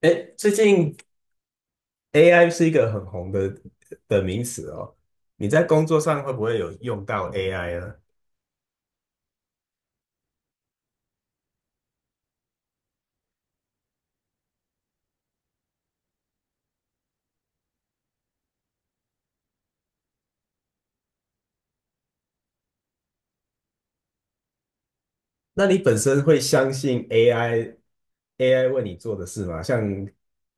哎，最近 AI 是一个很红的名词哦。你在工作上会不会有用到 AI 呢？那你本身会相信 AI 为你做的事吗？像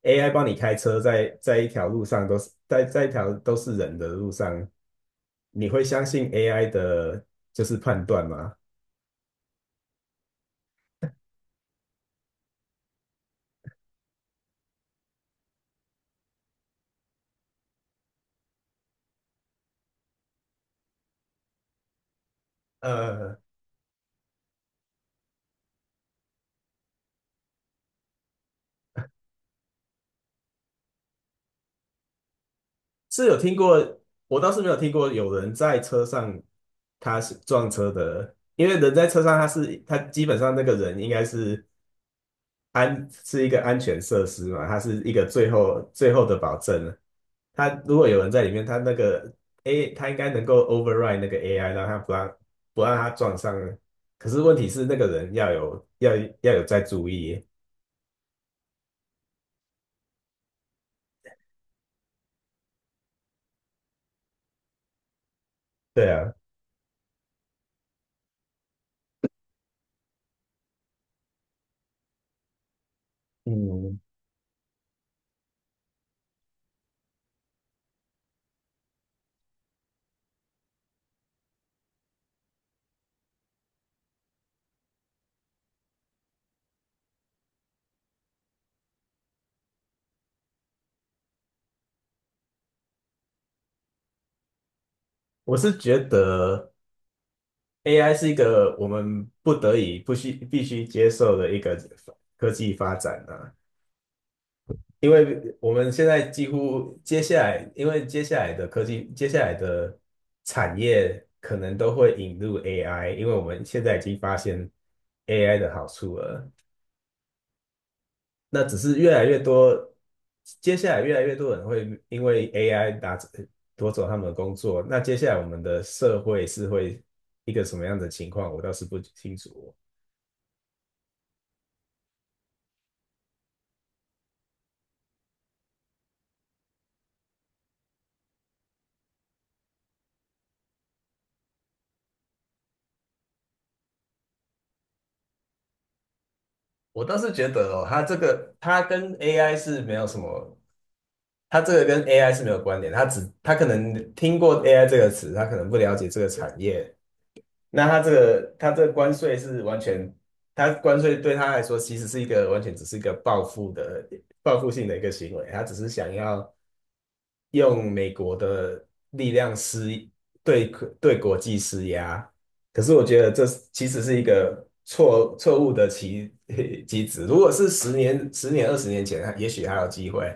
AI 帮你开车在一条路上，都是在一条都是人的路上，你会相信 AI 的就是判断吗？呃，是有听过。我倒是没有听过有人在车上他是撞车的，因为人在车上，他基本上那个人应该是，是一个安全设施嘛，他是一个最后的保证。他如果有人在里面，他那个 他应该能够 override 那个 AI,让他不让他撞上。可是问题是那个人要要有在注意。对啊，嗯，我是觉得。AI 是一个我们不得已不需必须接受的一个科技发展啊。因为我们现在几乎接下来，因为接下来的科技，接下来的产业可能都会引入 AI,因为我们现在已经发现 AI 的好处了。那只是越来越多，接下来越来越多人会因为 AI 拿走夺走他们的工作，那接下来我们的社会是会一个什么样的情况，我倒是不清楚哦。我倒是觉得哦，它这个它跟 AI 是没有什么，它这个跟 AI 是没有关联，它可能听过 AI 这个词，它可能不了解这个产业。那他这个关税是完全，他关税对他来说其实是一个完全只是一个报复性的一个行为。他只是想要用美国的力量对对国际施压。可是我觉得这其实是一个错误的棋 棋子。如果是十年、二十年前，也许还有机会。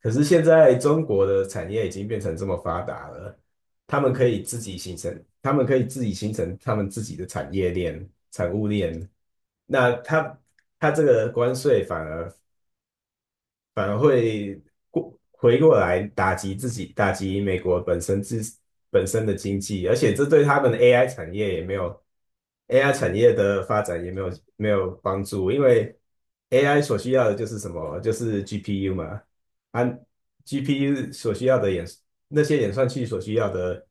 可是现在中国的产业已经变成这么发达了。他们可以自己形成他们自己的产业链、产物链。那他这个关税反而会回过来打击自己，打击美国本身本身的经济，而且这对他们的 AI 产业也没有 AI 产业的发展也没有帮助，因为 AI 所需要的就是什么？就是 GPU 嘛。啊，GPU 所需要的那些演算器所需要的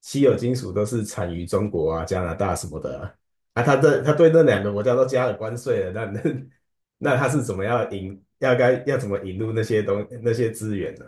稀有金属都是产于中国啊、加拿大什么的啊。啊他对那两个国家都加了关税了，那 那他是怎么样引，要该要怎么引入那些资源呢？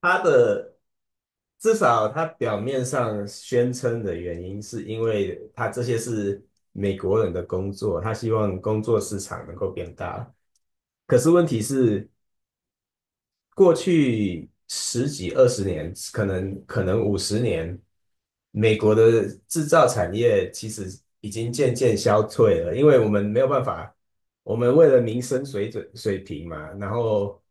他的至少他表面上宣称的原因，是因为他这些是美国人的工作，他希望工作市场能够变大。可是问题是，过去十几二十年，可能50年，美国的制造产业其实已经渐渐消退了，因为我们没有办法，我们为了民生水准水平嘛，然后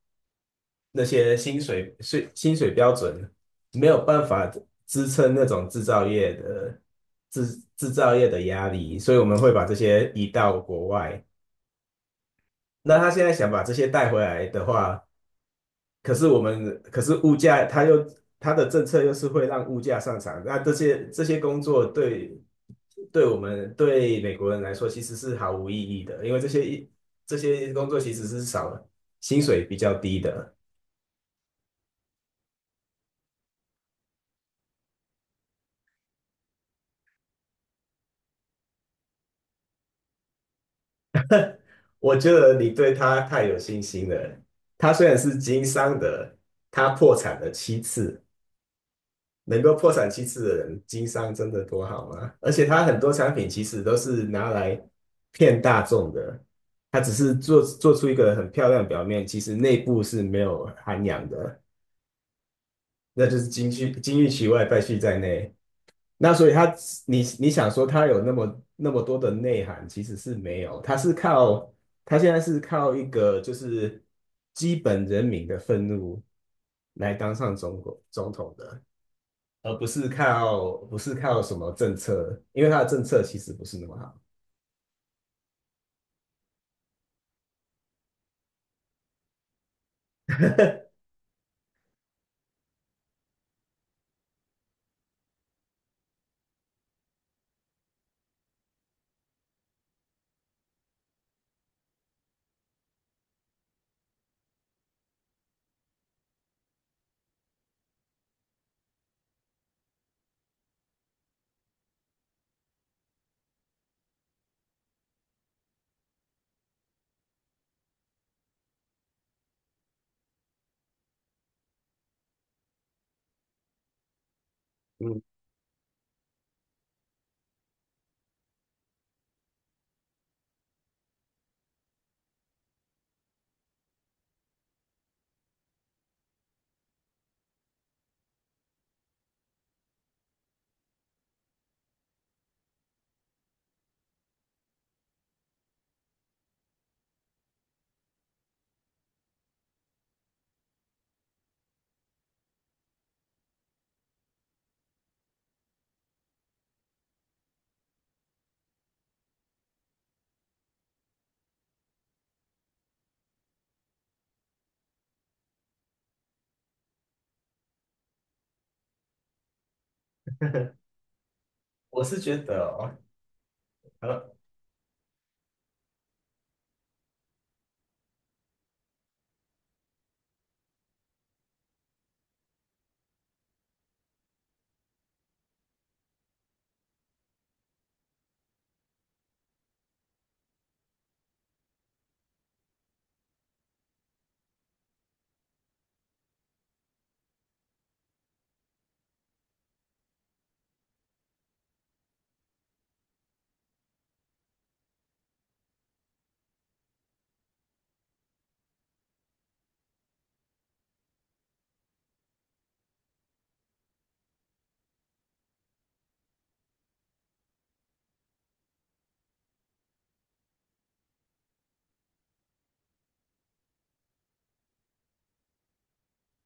那些薪水标准没有办法支撑那种制造业的制造业的压力，所以我们会把这些移到国外。那他现在想把这些带回来的话，可是我们，可是物价，它的政策又是会让物价上涨。那这些工作对对我们对美国人来说其实是毫无意义的，因为这些工作其实是少了薪水比较低的。我觉得你对他太有信心了。他虽然是经商的，他破产了七次，能够破产七次的人，经商真的多好吗？而且他很多产品其实都是拿来骗大众的，他只是做出一个很漂亮的表面，其实内部是没有涵养的，那就是金玉其外，败絮在内。那所以他，你想说他有那么多的内涵，其实是没有，他现在是靠一个就是基本人民的愤怒来当上中国总统的。而不是靠什么政策，因为他的政策其实不是那么好。嗯。我是觉得哦，呃，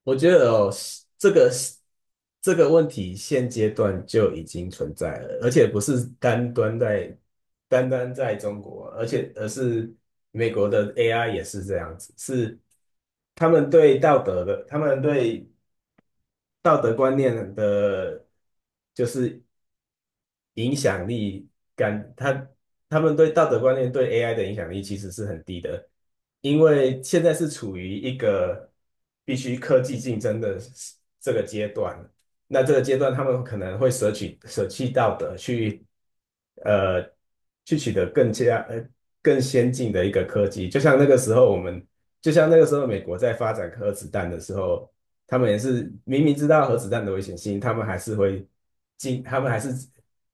我觉得哦，这个是这个问题现阶段就已经存在了，而且不是单单在中国，而是美国的 AI 也是这样子，是他们对道德的，他们对道德观念的，就是影响力感，他们对道德观念对 AI 的影响力其实是很低的，因为现在是处于一个必须科技竞争的这个阶段。那这个阶段，他们可能会舍弃道德，去呃去取得更先进的一个科技。就像那个时候，就像那个时候美国在发展核子弹的时候，他们也是明明知道核子弹的危险性，他们还是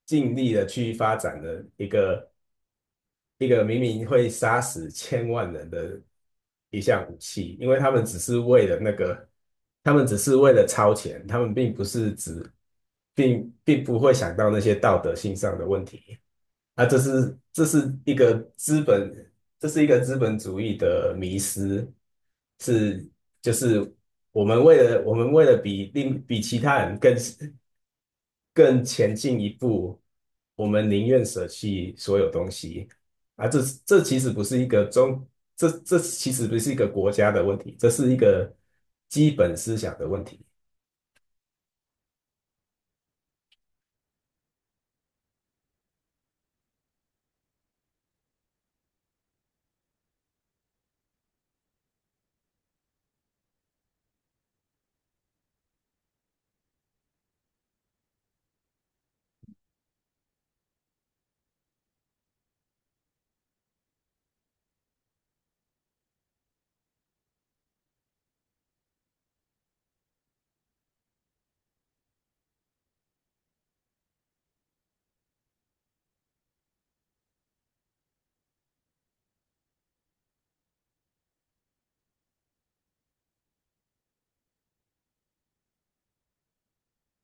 尽力的去发展的一个明明会杀死千万人的一项武器，因为他们只是为了那个，他们只是为了超前，他们并不是只，并不会想到那些道德性上的问题。啊，这是一个资本，这是一个资本主义的迷失，是就是我们为了比其他人更前进一步，我们宁愿舍弃所有东西啊！这其实不是一个国家的问题，这是一个基本思想的问题。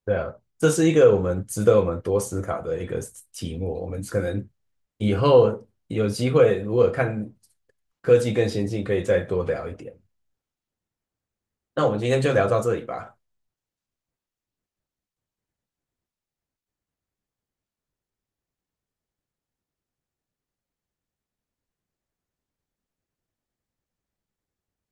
对啊，这是一个我们值得我们多思考的一个题目。我们可能以后有机会，如果看科技更先进，可以再多聊一点。那我们今天就聊到这里吧。